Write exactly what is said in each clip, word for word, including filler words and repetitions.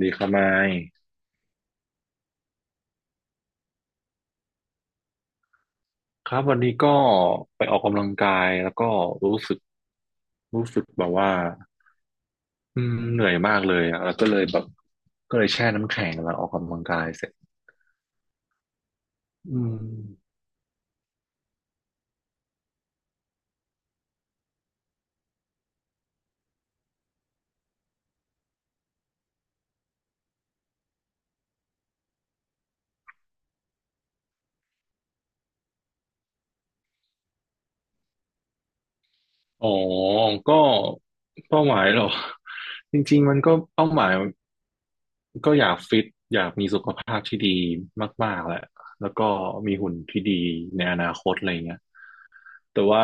ดีครับไมค์ครับวันนี้ก็ไปออกกำลังกายแล้วก็รู้สึกรู้สึกแบบว่าอืมเหนื่อยมากเลยอะแล้วก็เลยแบบก็เลยแช่น้ำแข็งแล้วออกกำลังกายเสร็จอืมอ๋อก็เป้าหมายเหรอ จริงๆมันก็เป้าหมายก็อยากฟิตอยากมีสุขภาพที่ดีมากๆแหละแล้วก็มีหุ่นที่ดีในอนาคตอะไรเงี้ยแต่ว่า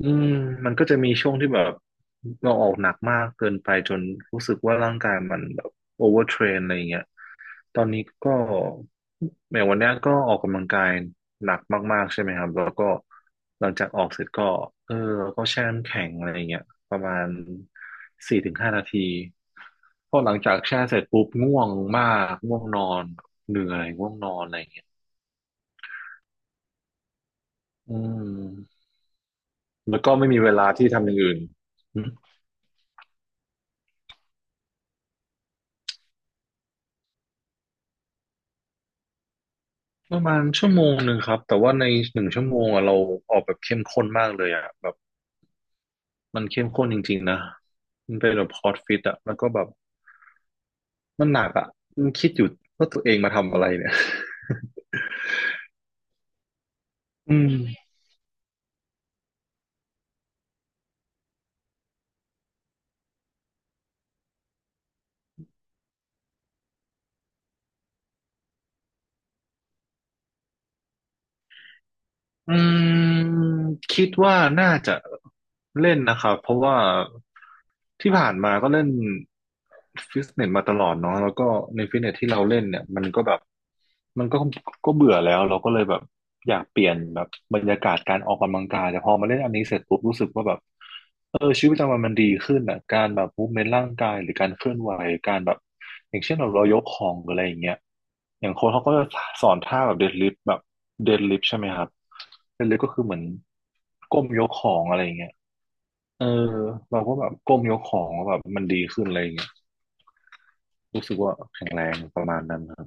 อืมมันก็จะมีช่วงที่แบบเราออกหนักมากเกินไปจนรู้สึกว่าร่างกายมันแบบโอเวอร์เทรนอะไรอย่างเงี้ยตอนนี้ก็แม้วันเนี้ยก็ออกกำลังกายหนักมากๆใช่ไหมครับแล้วก็หลังจากออกเสร็จก็เออก็แช่น้ำแข็งอะไรอย่างเงี้ยประมาณสี่ถึงห้านาทีพอหลังจากแช่เสร็จปุ๊บง่วงมากง่วงนอนเหนื่อยง่วงนอนอะไรอย่างเงี้ยอืมแล้วก็ไม่มีเวลาที่ทำอย่างอื่น ประมาณชั่วโมงหนึ่งครับแต่ว่าในหนึ่งชั่วโมงอะเราออกแบบเข้มข้นมากเลยอะแบบมันเข้มข้นจริงๆนะมันเป็นแบบพอร์ตฟิตอะแล้วก็แบบมันหนักอะมันคิดอยู่ว่าตัวเองมาทำอะไรเนี่ย อืม อืมคิดว่าน่าจะเล่นนะครับเพราะว่าที่ผ่านมาก็เล่นฟิตเนสมาตลอดเนาะแล้วก็ในฟิตเนสที่เราเล่นเนี่ยมันก็แบบมันก็ก็เบื่อแล้วเราก็เลยแบบอยากเปลี่ยนแบบบรรยากาศการออกกำลังกายแต่พอมาเล่นอันนี้เสร็จปุ๊บรู้สึกว่าแบบเออชีวิตประจำวันมันดีขึ้นอ่ะการแบบมูฟเมนต์ร่างกายหรือการเคลื่อนไหวการแบบอย่างเช่นเราเรายกของหรืออะไรอย่างเงี้ยอย่างโค้ชเขาก็จะสอนท่าแบบเดดลิฟต์แบบเดดลิฟต์ใช่ไหมครับ เล่นเล็กๆก็คือเหมือนก้มยกของอะไรอย่างเงี้ยเออเราก็แบบก้มยกของแล้วแบบมันดีขึ้นอะไรอย่างเงี้ยรู้สึกว่าแข็งแรงประมาณนั้นครับ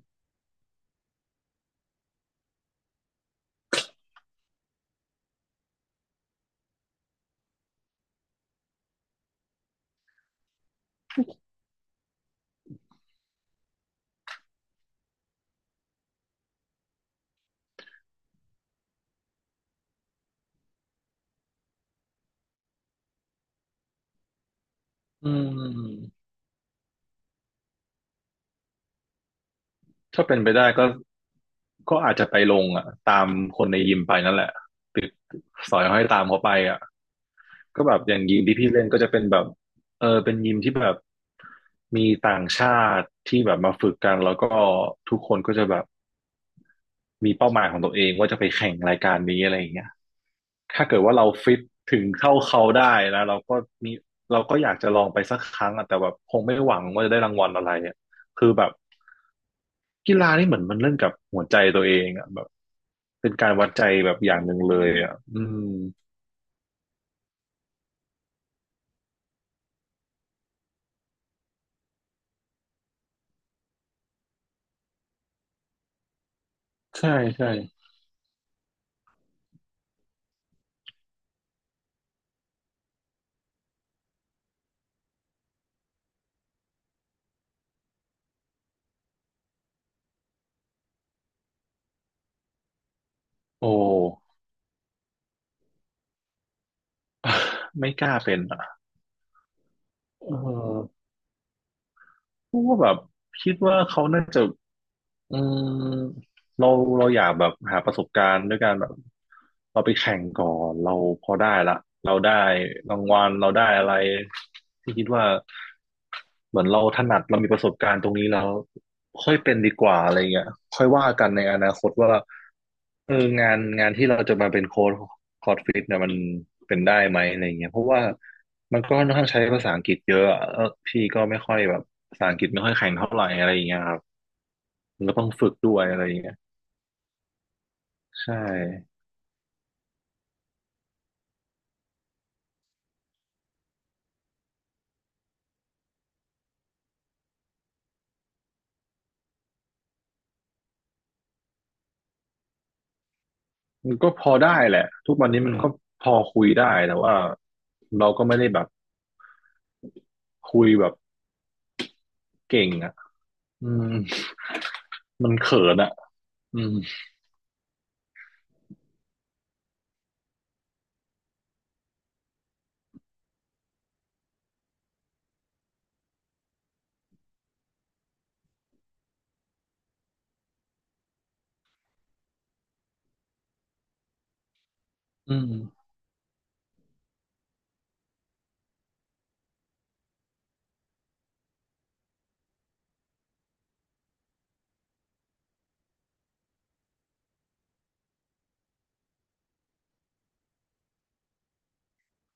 อืมถ้าเป็นไปได้ก็ก็อาจจะไปลงอ่ะตามคนในยิมไปนั่นแหละติดสอยห้อยตามเขาไปอ่ะก็แบบอย่างยิมที่พี่เล่นก็จะเป็นแบบเออเป็นยิมที่แบบมีต่างชาติที่แบบมาฝึกกันแล้วก็ทุกคนก็จะแบบ มีเป้าหมายของตัวเองว่าจะไปแข่งรายการนี้อะไรอย่างเงี้ยถ้าเกิดว่าเราฟิตถึงเท่าเขาได้นะเราก็มีเราก็อยากจะลองไปสักครั้งอะแต่แบบคงไม่หวังว่าจะได้รางวัลอะไรอะคือแบบกีฬานี่เหมือนมันเล่นกับหัวใจตัวเองอะแบบเป็นการวัดใจแบบอย่างหนึ่งเลยอะอืมใช่ใช่โอ้ ไม่กล้าเป็นอ่ะเออเพราะว่าแบบคิดว่าเขาน่าจะ อืมเราเราอยากแบบหาประสบการณ์ด้วยการแบบเราไปแข่งก่อนเราพอได้ละเราได้รางวัลเราได้อะไรที่คิดว่าเหมือนเราถนัดเรามีประสบการณ์ตรงนี้แล้วค่อยเป็นดีกว่าอะไรเงี้ยค่อยว่ากันในอนาคตว่าเอองานงานที่เราจะมาเป็นโค้ชโค้ชฟิตเนี่ยมันเป็นได้ไหมอะไรเงี้ยเพราะว่ามันก็ค่อนข้างใช้ภาษาอังกฤษเยอะอะแล้วพี่ก็ไม่ค่อยแบบภาษาอังกฤษไม่ค่อยแข็งเท่าไหร่อะไรเงี้ยครับ มันก็ต้องฝึกด้วยอะไรอย่างเงี้ยใช่มันก็พอได้แหละทุกวันนี้มันก็พอคุยได้แต่ว่าเราก็ไม่ได้แบบคุยแบบเก่งอ่ะอืมมันเขินอ่ะอืมอืม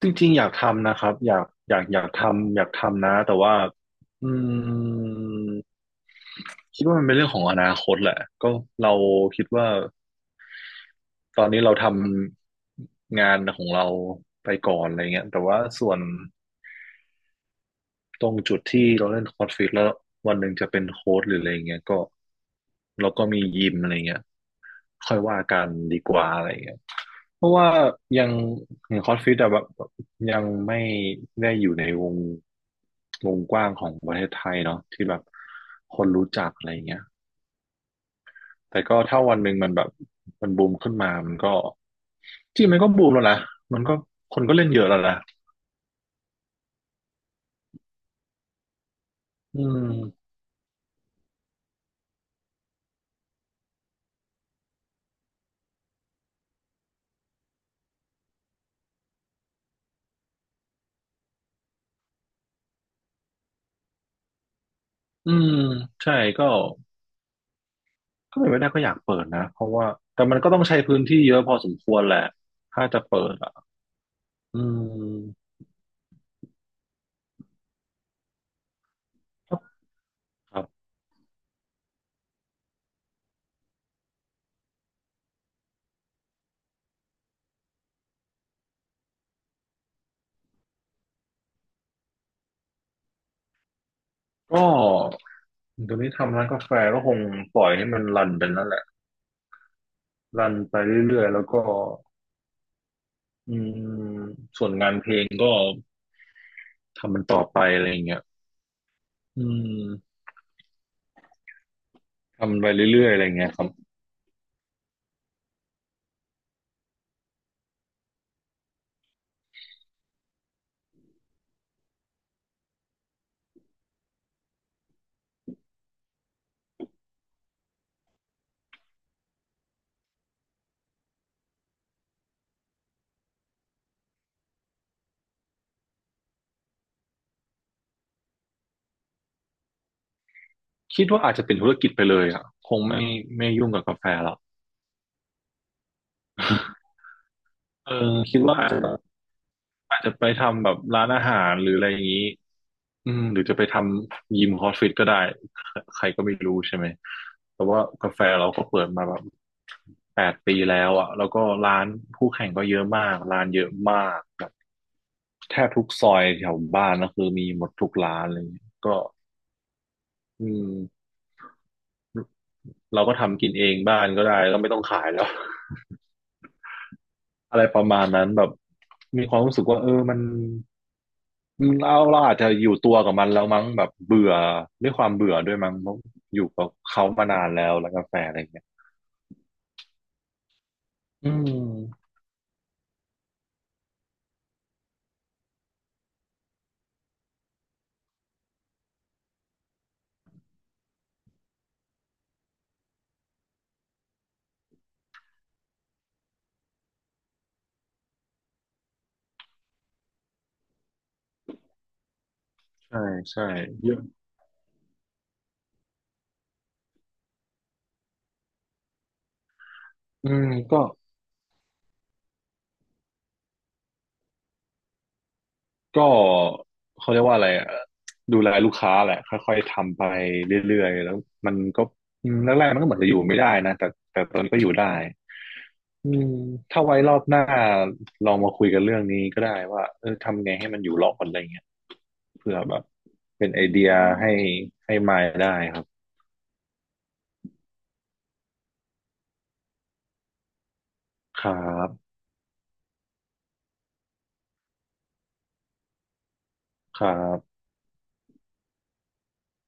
จริงๆอยากทำนะครับอยากอยากอยากทำอยากทำนะแต่ว่าอืมคิดว่ามันเป็นเรื่องของอนาคตแหละก็เราคิดว่าตอนนี้เราทำงานของเราไปก่อนอะไรเงี้ยแต่ว่าส่วน ตรงจุดที่เราเล่นคอร์ดฟิตแล้ววันหนึ่งจะเป็นโค้ชหรืออะไรเงี้ยก็เราก็มียิมอะไรเงี้ยค่อยว่ากันดีกว่าอะไรเงี้ยเพราะว่ายังอย่างคอร์สฟิตอะแบบยังไม่ได้อยู่ในวงวงกว้างของประเทศไทยเนาะที่แบบคนรู้จักอะไรเงี้ยแต่ก็ถ้าวันหนึ่งมันแบบมันบูมขึ้นมามันก็จริงมันก็บูมแล้วนะมันก็คนก็เล่นเยอะแล้วนะอืมอืมใช่ก็ ถ้าเป็นไปได้ก็อยากเปิดนะเพราะว่าแต่มันก็ต้องใช้พื้นที่เยอะพอสมควรแหละถ้าจะเปิดอ่ะอืมครับก็ตอนนี้ทำร้านกาแฟก็คงปล่อยให้มันรันไปนั่นแหละรันไปเรื่อยๆแล้วก็อืมส่วนงานเพลงก็ทำมันต่อไปอะไรอย่างเงี้ยอืมทำไปเรื่อยๆอะไรเงี้ยครับคิดว่าอาจจะเป็นธุรกิจไปเลยอ่ะคงไม่ไม่ยุ่งกับกาแฟหรอก เออคิดว่า อาจจะไปทำแบบร้านอาหารหรืออะไรอย่างนี้อืมหรือจะไปทำยิมคอสฟิตก็ได้ ใครก็ไม่รู้ใช่ไหมแต่ว่ากาแฟเราก็เปิดมาแบบแปดปีแล้วอ่ะแล้วก็ร้านคู่แข่งก็เยอะมากร้านเยอะมากแบบแทบทุกซอยแถวบ้านก็คือมีหมดทุกร้านเลยก็อืมเราก็ทำกินเองบ้านก็ได้ก็ไม่ต้องขายแล้วอะไรประมาณนั้นแบบมีความรู้สึกว่าเออมัน อืมเราเราอาจจะอยู่ตัวกับมันแล้วมั้งแบบเบื่อด้วยความเบื่อด้วยมั้งเพราะอยู่กับเขามานานแล้วแล้วกาแฟอะไรเงี้ยอืมใช่ใช่เยอะอืมก็ ก็เขาเรียกว่าอะไรอะดูแลลูกค้าแหละค่อยๆทำไปเรื่อยๆแล้วมันก็อืมแรกๆมันก็เหมือนจะอยู่ไม่ได้นะแต่แต่ตอนนี้ก็อยู่ได้อืมถ้าไว้รอบหน้าลองมาคุยกันเรื่องนี้ก็ได้ว่าเออทำไงให้มันอยู่รอดอะไรเงี้ยเผื่อแบบเป็นไอเดียให้ให้มายได้ครับครับครับ